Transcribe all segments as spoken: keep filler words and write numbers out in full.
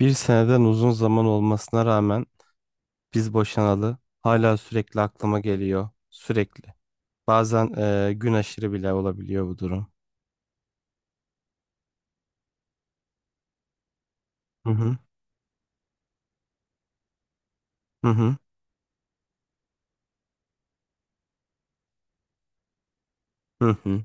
Bir seneden uzun zaman olmasına rağmen biz boşanalı hala sürekli aklıma geliyor. Sürekli. Bazen e, gün aşırı bile olabiliyor bu durum. Hı hı. Hı hı. Hı hı.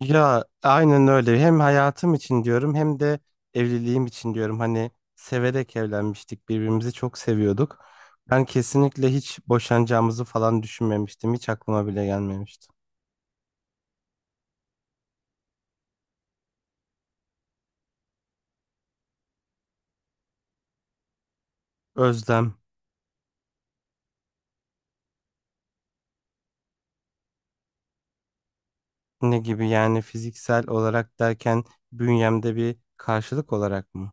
Ya aynen öyle. Hem hayatım için diyorum hem de evliliğim için diyorum. Hani severek evlenmiştik. Birbirimizi çok seviyorduk. Ben kesinlikle hiç boşanacağımızı falan düşünmemiştim. Hiç aklıma bile gelmemişti. Özlem. Ne gibi yani, fiziksel olarak derken bünyemde bir karşılık olarak mı?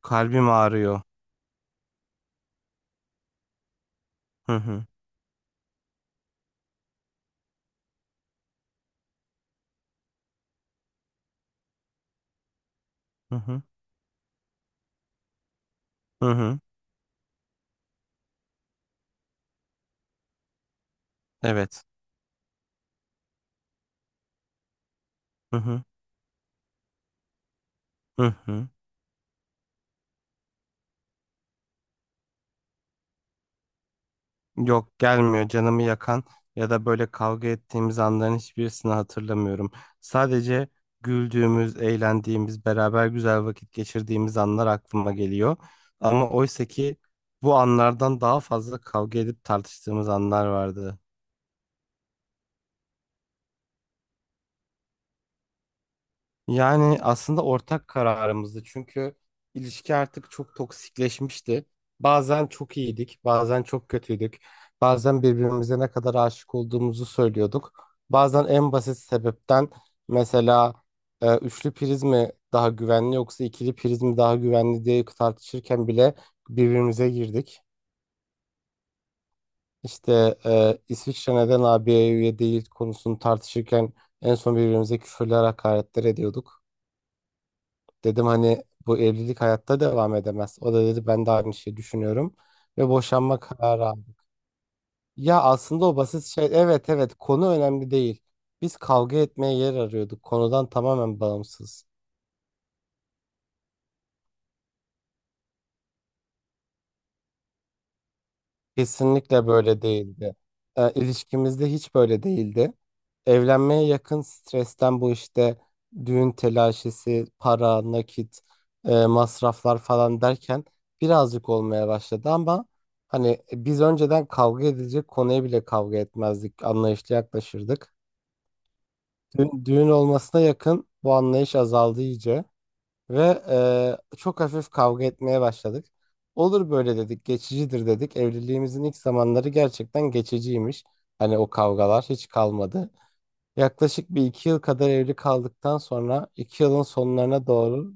Kalbim ağrıyor. Hı hı. Hı hı. Hı hı. Evet. Hı hı. Hı hı. Yok, gelmiyor canımı yakan ya da böyle kavga ettiğimiz anların hiçbirisini hatırlamıyorum. Sadece güldüğümüz, eğlendiğimiz, beraber güzel vakit geçirdiğimiz anlar aklıma geliyor. Ama oysa ki bu anlardan daha fazla kavga edip tartıştığımız anlar vardı. Yani aslında ortak kararımızdı, çünkü ilişki artık çok toksikleşmişti. Bazen çok iyiydik, bazen çok kötüydük. Bazen birbirimize ne kadar aşık olduğumuzu söylüyorduk. Bazen en basit sebepten, mesela e, üçlü priz mi daha güvenli yoksa ikili priz mi daha güvenli diye tartışırken bile birbirimize girdik. İşte e, İsviçre neden A B'ye üye değil konusunu tartışırken en son birbirimize küfürler, hakaretler ediyorduk. Dedim hani bu evlilik hayatta devam edemez. O da dedi ben de aynı şeyi düşünüyorum ve boşanma kararı aldık. Ya aslında o basit şey, evet evet konu önemli değil. Biz kavga etmeye yer arıyorduk, konudan tamamen bağımsız. Kesinlikle böyle değildi. E, ilişkimizde hiç böyle değildi. Evlenmeye yakın stresten, bu işte düğün telaşesi, para, nakit, e, masraflar falan derken birazcık olmaya başladı, ama hani e, biz önceden kavga edilecek konuya bile kavga etmezdik, anlayışla yaklaşırdık. Düğün, düğün olmasına yakın bu anlayış azaldı iyice. Ve e, çok hafif kavga etmeye başladık. Olur böyle dedik, geçicidir dedik. Evliliğimizin ilk zamanları gerçekten geçiciymiş. Hani o kavgalar hiç kalmadı. Yaklaşık bir iki yıl kadar evli kaldıktan sonra iki yılın sonlarına doğru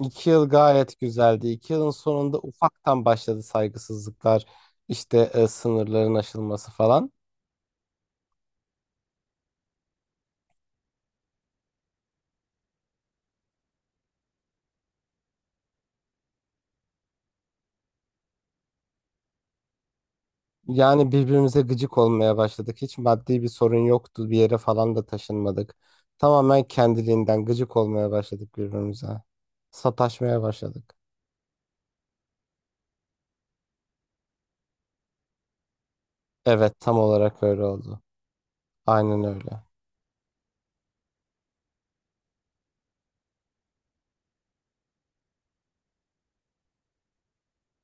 iki yıl gayet güzeldi. iki yılın sonunda ufaktan başladı saygısızlıklar, işte e, sınırların aşılması falan. Yani birbirimize gıcık olmaya başladık. Hiç maddi bir sorun yoktu. Bir yere falan da taşınmadık. Tamamen kendiliğinden gıcık olmaya başladık birbirimize. Sataşmaya başladık. Evet, tam olarak öyle oldu. Aynen öyle.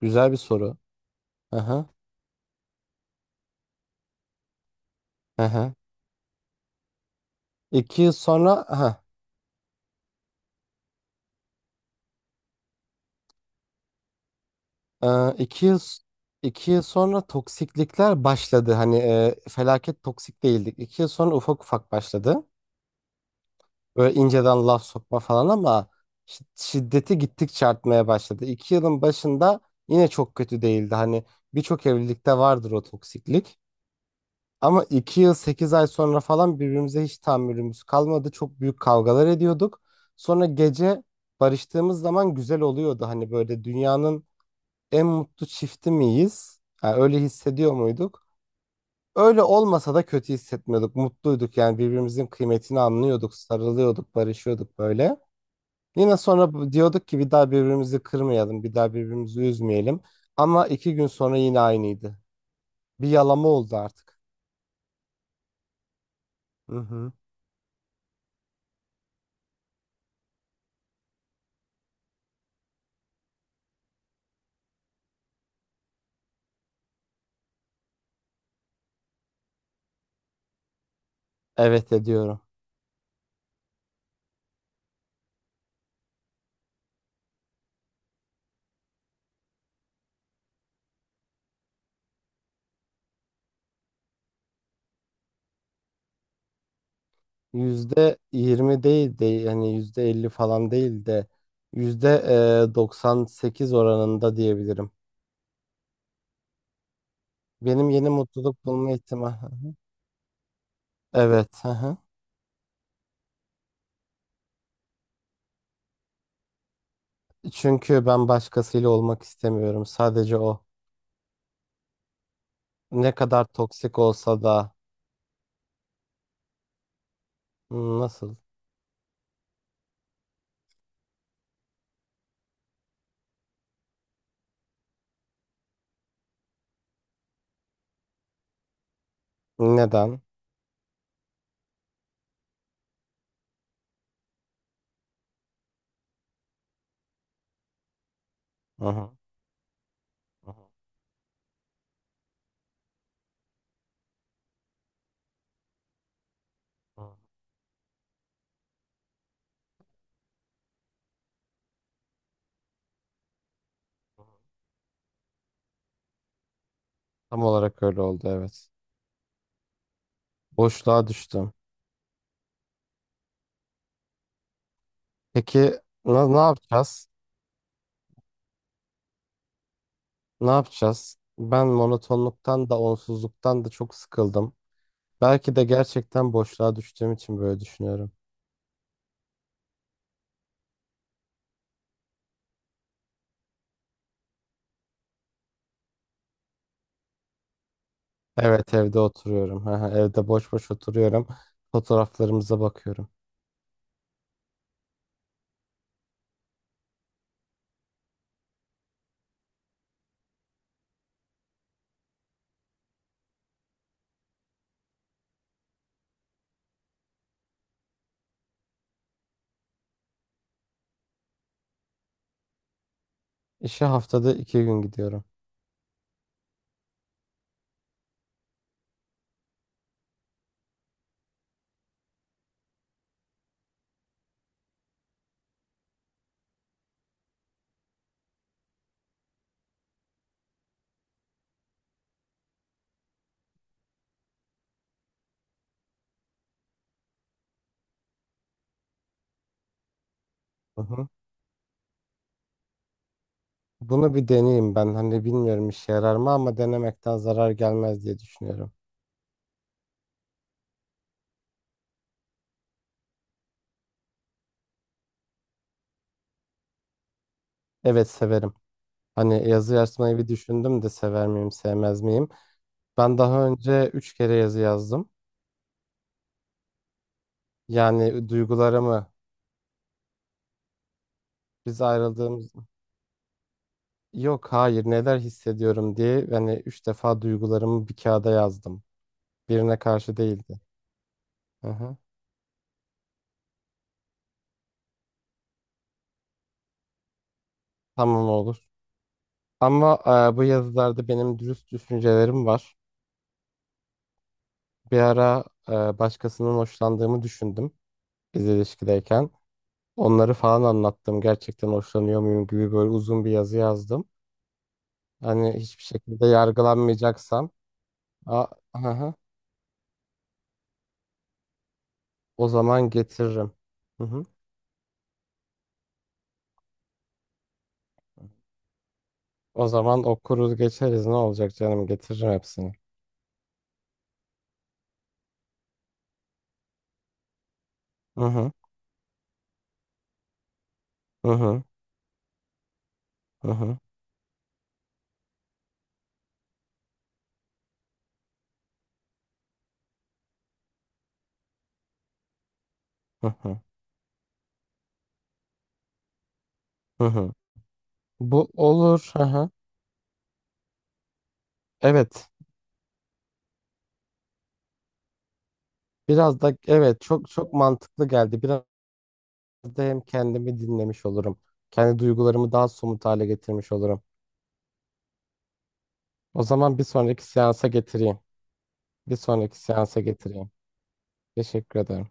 Güzel bir soru. Aha, aha. iki yıl sonra, aha, e, iki yıl, iki yıl sonra toksiklikler başladı. Hani e, felaket toksik değildik. iki yıl sonra ufak ufak başladı. Böyle inceden laf sokma falan, ama şi- şiddeti gittikçe artmaya başladı. iki yılın başında yine çok kötü değildi. Hani birçok evlilikte vardır o toksiklik. Ama iki yıl sekiz ay sonra falan birbirimize hiç tahammülümüz kalmadı. Çok büyük kavgalar ediyorduk. Sonra gece barıştığımız zaman güzel oluyordu. Hani böyle dünyanın en mutlu çifti miyiz, ha, öyle hissediyor muyduk? Öyle olmasa da kötü hissetmiyorduk. Mutluyduk yani, birbirimizin kıymetini anlıyorduk, sarılıyorduk, barışıyorduk böyle. Yine sonra bu- diyorduk ki bir daha birbirimizi kırmayalım, bir daha birbirimizi üzmeyelim. Ama iki gün sonra yine aynıydı. Bir yalama oldu artık. Hı hı. Evet, ediyorum. Yüzde yirmi değil de, yani yüzde elli falan değil de, yüzde e, doksan sekiz oranında diyebilirim. Benim yeni mutluluk bulma ihtimali. Hı hı. Evet. Hı hı. Çünkü ben başkasıyla olmak istemiyorum. Sadece o. Ne kadar toksik olsa da. Hı, nasıl? Neden? Hı hı. Hı hı. Hı. Tam olarak öyle oldu, evet. Boşluğa düştüm. Peki na- ne yapacağız? Ne yapacağız? Ben monotonluktan da onsuzluktan da çok sıkıldım. Belki de gerçekten boşluğa düştüğüm için böyle düşünüyorum. Evet, evde oturuyorum. Evde boş boş oturuyorum. Fotoğraflarımıza bakıyorum. İşe haftada iki gün gidiyorum. Hı hı. Bunu bir deneyeyim ben. Hani bilmiyorum işe yarar mı, ama denemekten zarar gelmez diye düşünüyorum. Evet, severim. Hani yazı yazmayı bir düşündüm de, sever miyim, sevmez miyim? Ben daha önce üç kere yazı yazdım. Yani duygularımı, biz ayrıldığımız yok, hayır, neler hissediyorum diye hani üç defa duygularımı bir kağıda yazdım. Birine karşı değildi. Hı hı. Tamam, olur. Ama e, bu yazılarda benim dürüst düşüncelerim var. Bir ara e, başkasının hoşlandığımı düşündüm. Biz ilişkideyken. Onları falan anlattım. Gerçekten hoşlanıyor muyum gibi böyle uzun bir yazı yazdım. Hani hiçbir şekilde yargılanmayacaksam, a, aha, o zaman getiririm. Hı hı. O zaman okuruz geçeriz, ne olacak canım, getiririm hepsini. Hı hı. Hı hı. Hı hı. Hı hı. Hı hı. Bu olur. Hı hı. Evet. Biraz da, evet, çok çok mantıklı geldi. Biraz da hem kendimi dinlemiş olurum. Kendi duygularımı daha somut hale getirmiş olurum. O zaman bir sonraki seansa getireyim. Bir sonraki seansa getireyim. Teşekkür ederim.